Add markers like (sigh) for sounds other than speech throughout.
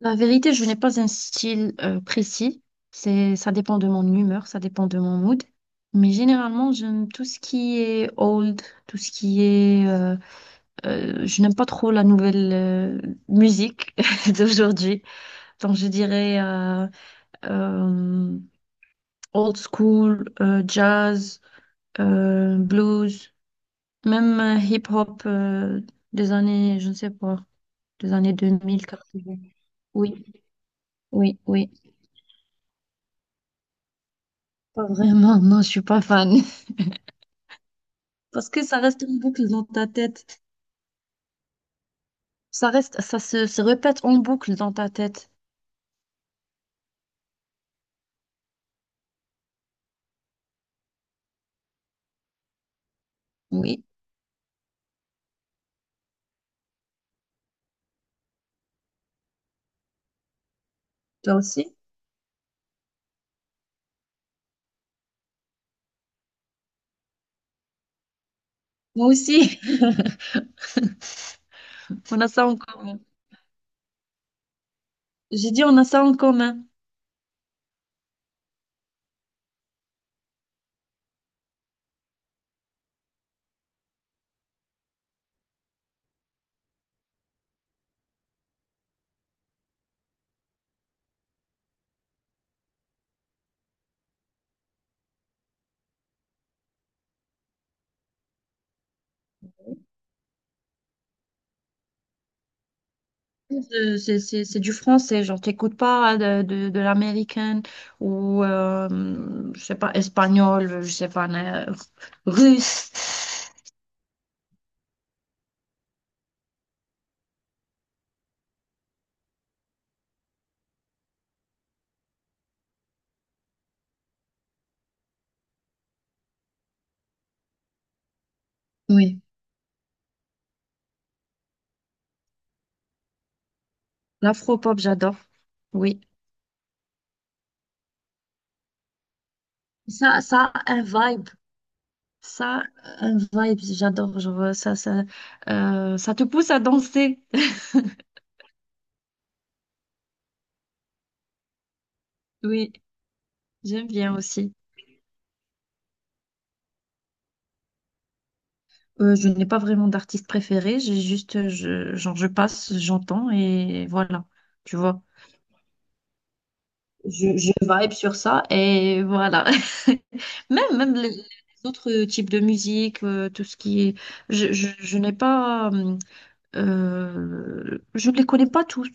La vérité, je n'ai pas un style précis. Ça dépend de mon humeur, ça dépend de mon mood. Mais généralement, j'aime tout ce qui est old, tout ce qui est... je n'aime pas trop la nouvelle musique (laughs) d'aujourd'hui. Donc, je dirais euh, old school, jazz, blues, même hip-hop des années, je ne sais pas, des années 2000, 80. Oui, oui, oui. Pas vraiment, non, je suis pas fan. (laughs) Parce que ça reste en boucle dans ta tête. Ça reste, se répète en boucle dans ta tête. Oui, toi aussi? Moi aussi. (laughs) On a ça en commun. J'ai dit on a ça en commun. C'est c'est du français, genre t'écoutes pas de l'américaine ou je sais pas, espagnol, je sais pas, russe. Oui, l'afro-pop, j'adore. Oui. Ça a un vibe. Ça, un vibe, j'adore. Ça te pousse à danser. (laughs) Oui, j'aime bien aussi. Je n'ai pas vraiment d'artiste préféré. J'ai juste, genre, je passe, j'entends et voilà. Tu vois, je vibe sur ça et voilà. (laughs) Même, même les autres types de musique, tout ce qui est. Je n'ai pas. Je ne les connais pas tous.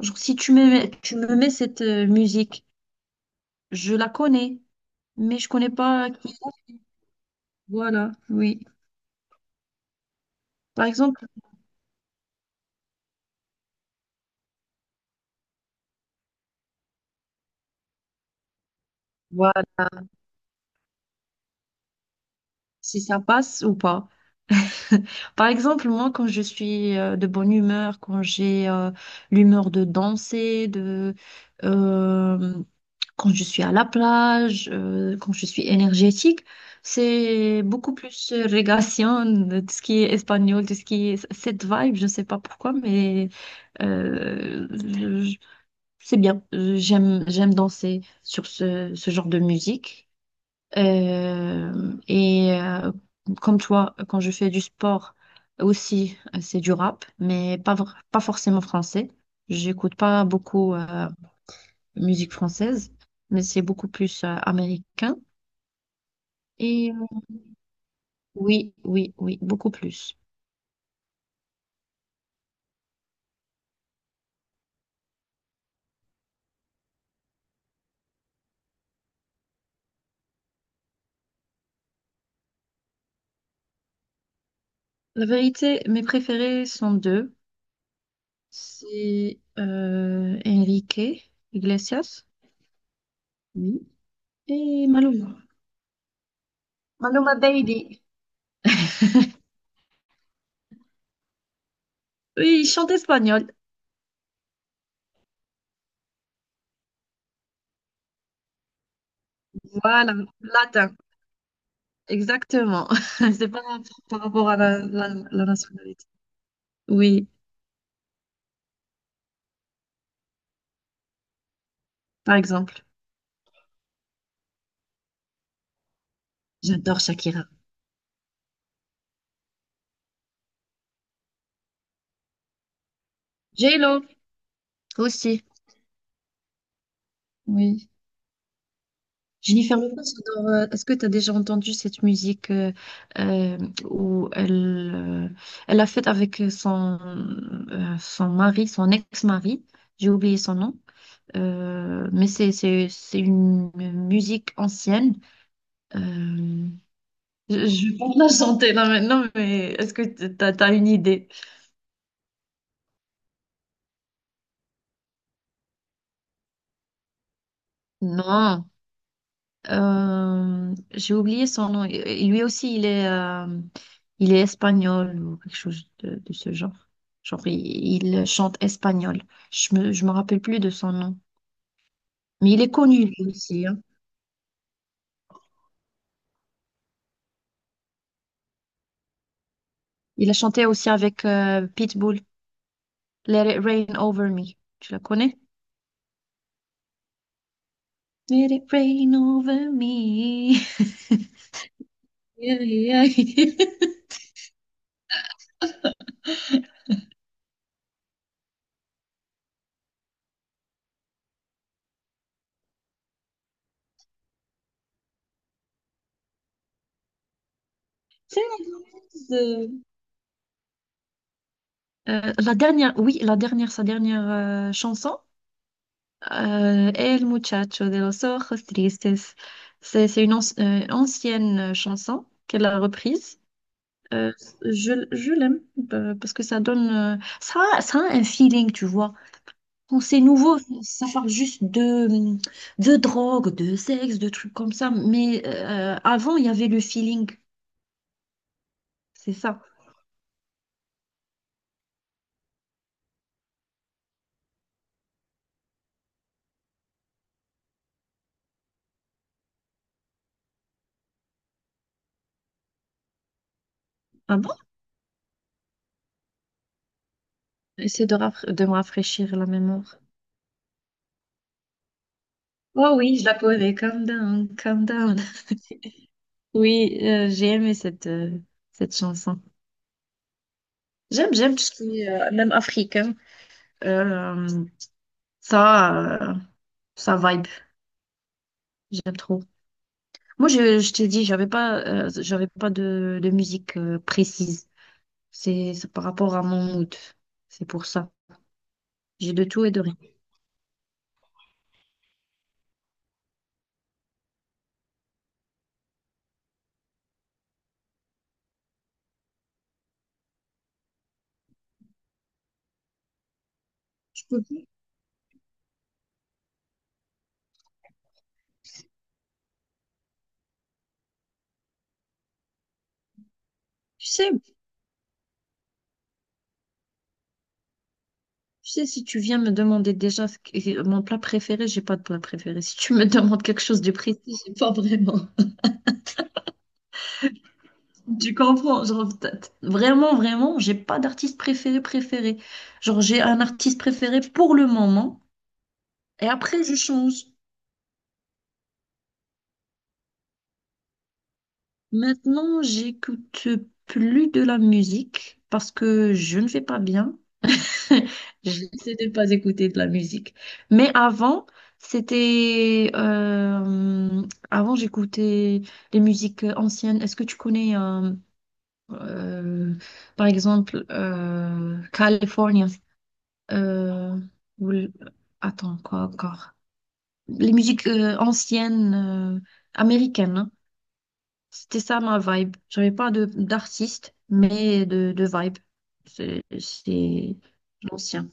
Genre, si tu me, tu me mets cette musique. Je la connais, mais je connais pas qui. Voilà, oui. Par exemple, voilà, si ça passe ou pas. (laughs) Par exemple, moi, quand je suis de bonne humeur, quand j'ai l'humeur de euh, quand je suis à la plage, quand je suis énergétique, c'est beaucoup plus régation, de tout ce qui est espagnol, tout ce qui est cette vibe. Je ne sais pas pourquoi, mais euh, c'est bien. J'aime, j'aime danser ce genre de musique. Euh, et euh, comme toi, quand je fais du sport aussi, c'est du rap, mais pas forcément français. J'écoute pas beaucoup musique française, mais c'est beaucoup plus américain. Et euh, oui, oui, oui, beaucoup plus. La vérité, mes préférés sont deux. C'est Enrique Iglesias, oui, et Maluma. Maluma Bailey. Oui, il chante espagnol. Voilà, latin. Exactement. (laughs) C'est pas par rapport à la, la nationalité. Oui, par exemple. J'adore Shakira. J-Lo aussi. Oui. Jennifer Lopez, j'adore. Est-ce que tu as déjà entendu cette musique euh, où elle, elle a fait avec son, son mari, son ex-mari? J'ai oublié son nom. Mais c'est, c'est une musique ancienne. Euh, je vais pas la chanter là maintenant, mais est-ce que t'as, t'as une idée? Non. J'ai oublié son nom. Et lui aussi, il est espagnol ou quelque chose de ce genre. Genre, il chante espagnol. Je me rappelle plus de son nom. Mais il est connu lui aussi, hein. Il a chanté aussi avec Pitbull. Let it rain over me. Tu la connais? Let it rain over me. (laughs) Yeah, yeah. (laughs) C'est la base. La dernière, oui, la dernière, sa dernière chanson, El muchacho de los ojos tristes. C'est une ancienne chanson qu'elle a reprise. Euh, je l'aime, parce que ça donne, ça a un feeling, tu vois. Quand c'est nouveau, ça parle juste de drogue, de sexe, de trucs comme ça. Mais avant, il y avait le feeling, c'est ça. Ah bon? Essaie de, de me rafraîchir la mémoire. Oh oui, je la connais. Calm down, calm down. (laughs) Oui, j'ai aimé cette, cette chanson. J'aime, j'aime tout ce qui est même africain. Euh, ça, euh, ça vibe. J'aime trop. Moi, je t'ai dit, j'avais pas de, de musique précise. C'est par rapport à mon mood. C'est pour ça. J'ai de tout et de rien. Je peux- pas- Tu sais, tu sais, si tu viens me demander déjà mon plat préféré, j'ai pas de plat préféré. Si tu me (laughs) demandes quelque chose de précis, j'ai pas vraiment. Tu comprends? Genre, vraiment, vraiment, j'ai pas d'artiste préféré préféré. Genre, j'ai un artiste préféré pour le moment et après, je change. Maintenant, j'écoute plus de la musique parce que je ne vais pas bien. (laughs) J'essaie de ne pas écouter de la musique. Mais avant, c'était... euh, avant, j'écoutais les musiques anciennes. Est-ce que tu connais, euh, par exemple, California? Euh, ou l- Attends, quoi encore? Les musiques anciennes américaines, hein. C'était ça ma vibe. J'avais pas de d'artiste, mais de vibe. C'est l'ancien.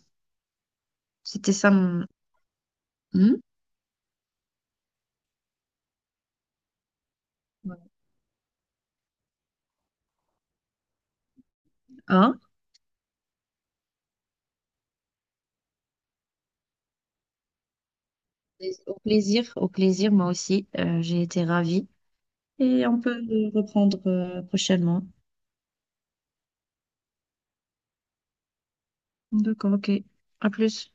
C'était ça mon... Hmm. Ouais. Hein. Au plaisir, moi aussi. J'ai été ravie. Et on peut le reprendre prochainement. D'accord, ok. À plus.